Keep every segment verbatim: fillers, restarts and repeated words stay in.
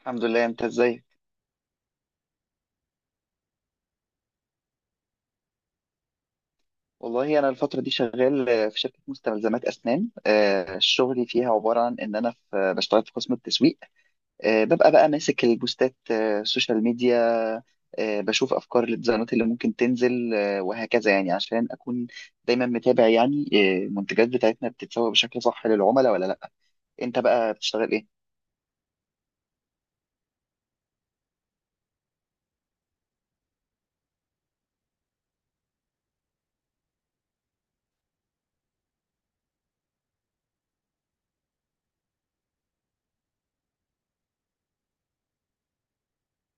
الحمد لله، انت ازاي؟ والله انا الفتره دي شغال، آه، في شركه مستلزمات اسنان. آه، شغلي فيها عباره عن ان انا في آه، بشتغل في قسم التسويق. آه، ببقى بقى ماسك البوستات، آه، السوشيال ميديا. آه، بشوف افكار الديزاينات اللي ممكن تنزل، آه، وهكذا يعني عشان اكون دايما متابع يعني آه، المنتجات بتاعتنا بتتسوق بشكل صح للعملاء ولا لا. انت بقى بتشتغل ايه؟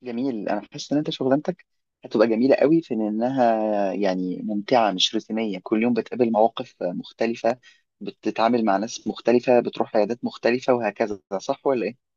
جميل. انا حاسس ان انت شغلانتك هتبقى جميله قوي في انها يعني ممتعه، مش روتينيه، كل يوم بتقابل مواقف مختلفه، بتتعامل مع ناس مختلفه، بتروح عيادات مختلفه وهكذا، صح ولا ايه؟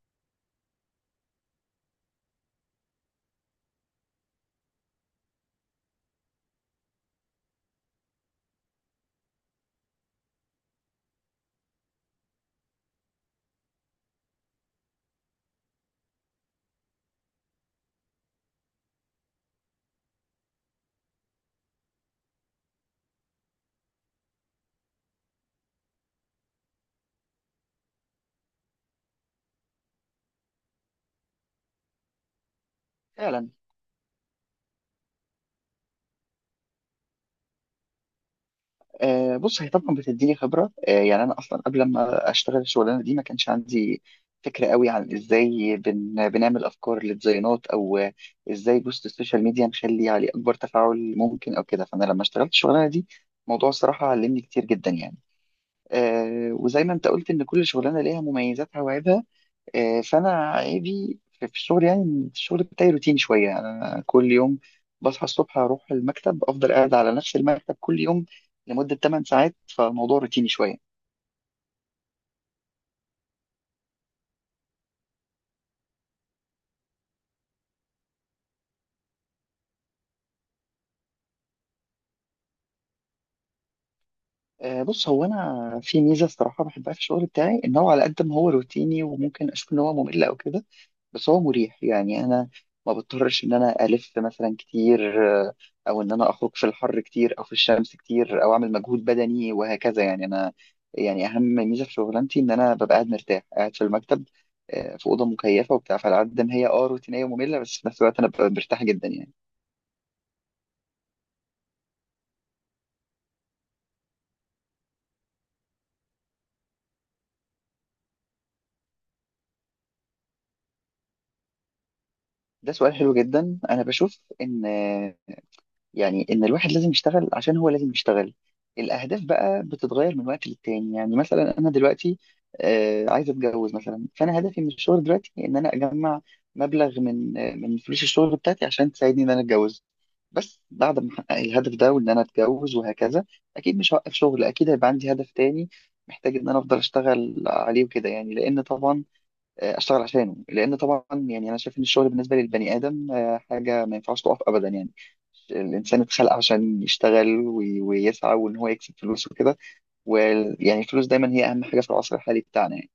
فعلا. آه، بص هي طبعا بتديني خبره آه، يعني انا اصلا قبل ما اشتغل الشغلانه دي ما كانش عندي فكره قوي عن ازاي بن بنعمل افكار للديزاينات او آه، ازاي بوست السوشيال ميديا نخلي عليه اكبر تفاعل ممكن او كده. فانا لما اشتغلت الشغلانه دي، الموضوع الصراحه علمني كتير جدا يعني. آه، وزي ما انت قلت ان كل شغلانه ليها مميزاتها وعيبها. آه، فانا عيبي في في الشغل يعني إن الشغل بتاعي روتيني شويه. يعني انا كل يوم بصحى الصبح اروح المكتب، افضل قاعد على نفس المكتب كل يوم لمده تمن ساعات، فالموضوع روتيني شويه. آه، بص، هو انا في ميزه الصراحه بحبها في الشغل بتاعي، ان هو على قد ما هو روتيني وممكن اشوف ان هو ممل او كده، بس هو مريح يعني. انا ما بضطرش ان انا الف مثلا كتير، آه، او ان انا اخرج في الحر كتير او في الشمس كتير او اعمل مجهود بدني وهكذا. يعني انا يعني اهم ميزه في شغلانتي ان انا ببقى قاعد مرتاح، قاعد في المكتب، آه، في اوضه مكيفه وبتاع. فعلى قد ما هي اه روتينيه وممله، بس في نفس الوقت انا ببقى مرتاح جدا يعني. ده سؤال حلو جدا. انا بشوف ان يعني ان الواحد لازم يشتغل عشان هو لازم يشتغل. الاهداف بقى بتتغير من وقت للتاني. يعني مثلا انا دلوقتي، آه، عايز اتجوز مثلا، فانا هدفي من الشغل دلوقتي ان انا اجمع مبلغ من آه، من فلوس الشغل بتاعتي عشان تساعدني ان انا اتجوز. بس بعد ما احقق الهدف ده وان انا اتجوز وهكذا، اكيد مش هوقف شغل، اكيد هيبقى عندي هدف تاني محتاج ان انا افضل اشتغل عليه وكده يعني. لان طبعا اشتغل عشانه، لان طبعا يعني انا شايف ان الشغل بالنسبه للبني ادم، آه، حاجه ما ينفعش تقف ابدا يعني. الانسان اتخلق عشان يشتغل وي- ويسعى وان هو يكسب فلوس وكده. ويعني الفلوس دايما هي اهم حاجه في العصر الحالي بتاعنا يعني.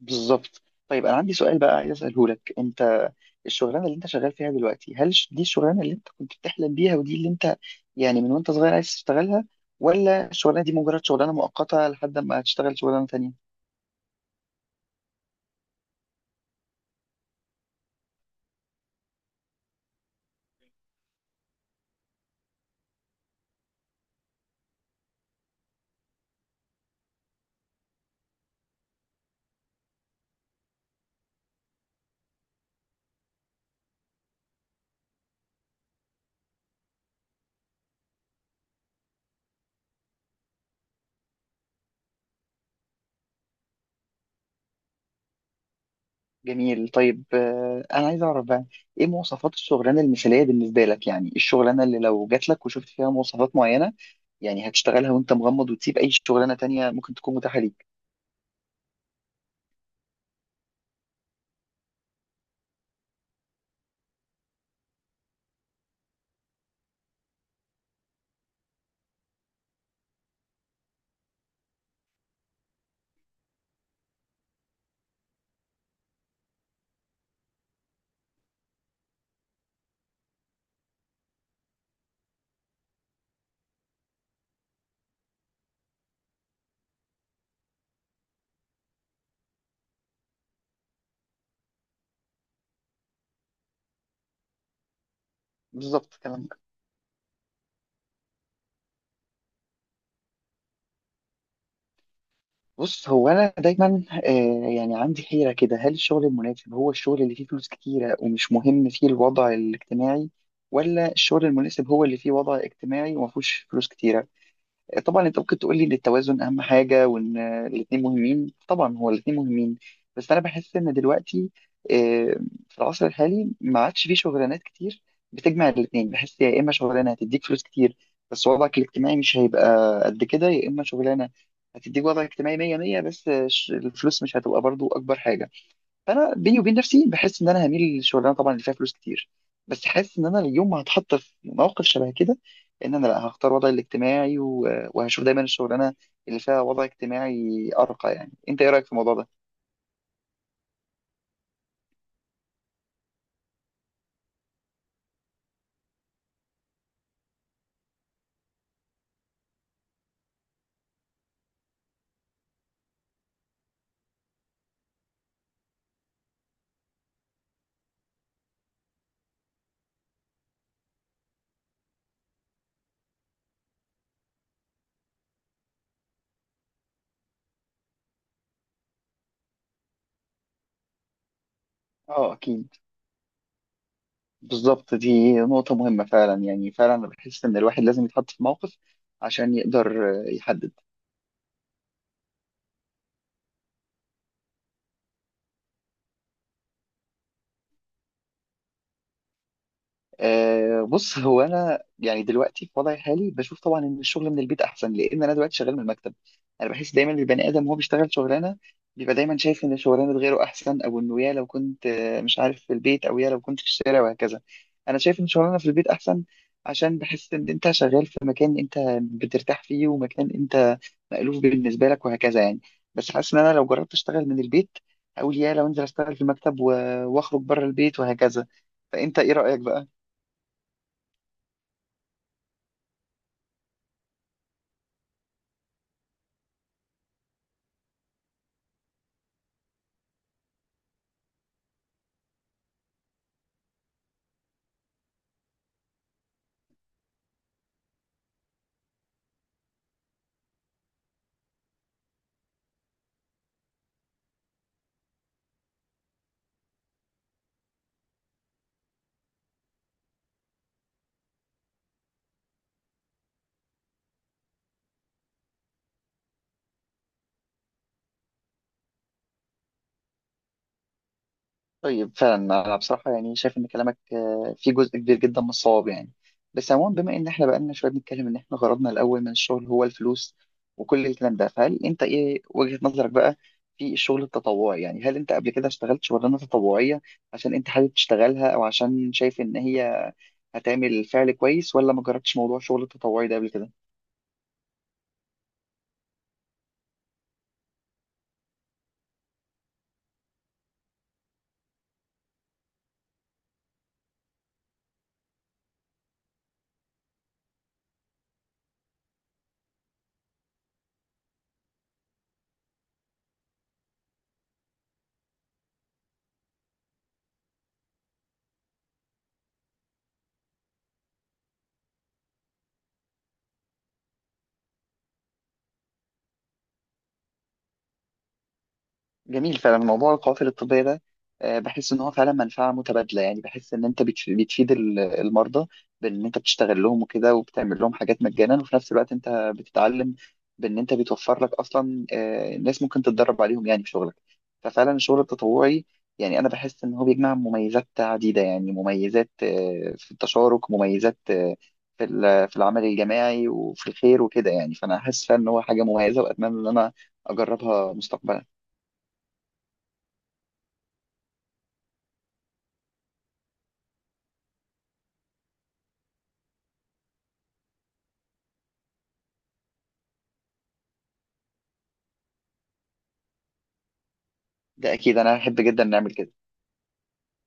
بالظبط. طيب انا عندي سؤال بقى عايز اساله لك انت. الشغلانه اللي انت شغال فيها دلوقتي، هل ش- دي الشغلانه اللي انت كنت بتحلم بيها، ودي اللي انت يعني من وانت صغير عايز تشتغلها، ولا الشغلانه دي مجرد شغلانه مؤقته لحد ما هتشتغل شغلانه تانية؟ جميل. طيب آه، انا عايز اعرف بقى ايه مواصفات الشغلانه المثاليه بالنسبه لك. يعني إيه الشغلانه اللي لو جات لك وشفت فيها مواصفات معينه يعني هتشتغلها وانت مغمض وتسيب اي شغلانه تانية ممكن تكون متاحه ليك؟ بالظبط كلامك. بص، هو انا دايما آه، يعني عندي حيره كده، هل الشغل المناسب هو الشغل اللي فيه فلوس كتيره ومش مهم فيه الوضع الاجتماعي، ولا الشغل المناسب هو اللي فيه وضع اجتماعي وما فيهوش فلوس كتيره؟ طبعا انت ممكن تقول لي ان التوازن اهم حاجه وان الاثنين مهمين، طبعا هو الاثنين مهمين. بس انا بحس ان دلوقتي، آه، في العصر الحالي ما عادش فيه شغلانات كتير بتجمع الاثنين. بحس يا اما شغلانه هتديك فلوس كتير بس وضعك الاجتماعي مش هيبقى قد كده، يا اما شغلانه هتديك وضع اجتماعي مية مية بس ش- الفلوس مش هتبقى برضو اكبر حاجه. فانا بيني وبين نفسي بحس ان انا هميل للشغلانه طبعا اللي فيها فلوس كتير، بس حاسس ان انا اليوم ما هتحط في موقف شبه كده ان انا لا هختار وضعي الاجتماعي و- وهشوف دايما الشغلانه اللي فيها وضع اجتماعي ارقى. يعني انت ايه رايك في الموضوع ده؟ اه، اكيد. بالظبط، دي نقطه مهمه فعلا. يعني فعلا انا بحس ان الواحد لازم يتحط في موقف عشان يقدر آه، يحدد. أه بص، هو انا يعني دلوقتي في وضعي الحالي بشوف طبعا ان الشغل من البيت احسن لان انا دلوقتي شغال من المكتب. انا بحس دايما البني ادم وهو بيشتغل شغلانه بيبقى دايما شايف ان شغلانه غيره احسن، او انه يا لو كنت آه، مش عارف في البيت، او يا لو كنت في الشارع وهكذا. انا شايف ان شغلانه في البيت احسن عشان بحس ان انت شغال في مكان انت بترتاح فيه، ومكان انت مألوف بالنسبه لك وهكذا يعني. بس حاسس ان انا لو جربت اشتغل من البيت اقول يا لو انزل اشتغل في المكتب و- واخرج بره البيت وهكذا. فانت ايه رأيك بقى؟ طيب فعلا انا بصراحه يعني شايف ان كلامك آه، فيه جزء كبير جدا من الصواب يعني. بس عموما بما ان احنا بقالنا شويه بنتكلم ان احنا غرضنا الاول من الشغل هو الفلوس وكل الكلام ده، فهل انت ايه وجهه نظرك بقى في الشغل التطوعي؟ يعني هل انت قبل كده اشتغلت شغلانه تطوعيه عشان انت حابب تشتغلها او عشان شايف ان هي هتعمل فعل كويس، ولا ما جربتش موضوع الشغل التطوعي ده قبل كده؟ جميل. فعلا موضوع القوافل الطبية ده، آه، بحس ان هو فعلا منفعة متبادلة. يعني بحس ان انت بتف- بتفيد ال- المرضى بان انت بتشتغل لهم وكده وبتعمل لهم حاجات مجانا، وفي نفس الوقت انت بتتعلم بان انت بتوفر لك اصلا آه، ناس ممكن تتدرب عليهم يعني في شغلك. ففعلا الشغل التطوعي يعني انا بحس ان هو بيجمع مميزات عديدة. يعني مميزات آه، في التشارك، مميزات آه، في ال- في العمل الجماعي وفي الخير وكده يعني. فانا حاسس فعلا ان هو حاجة مميزة، واتمنى ان انا اجربها مستقبلا. ده اكيد، انا احب جدا نعمل كده.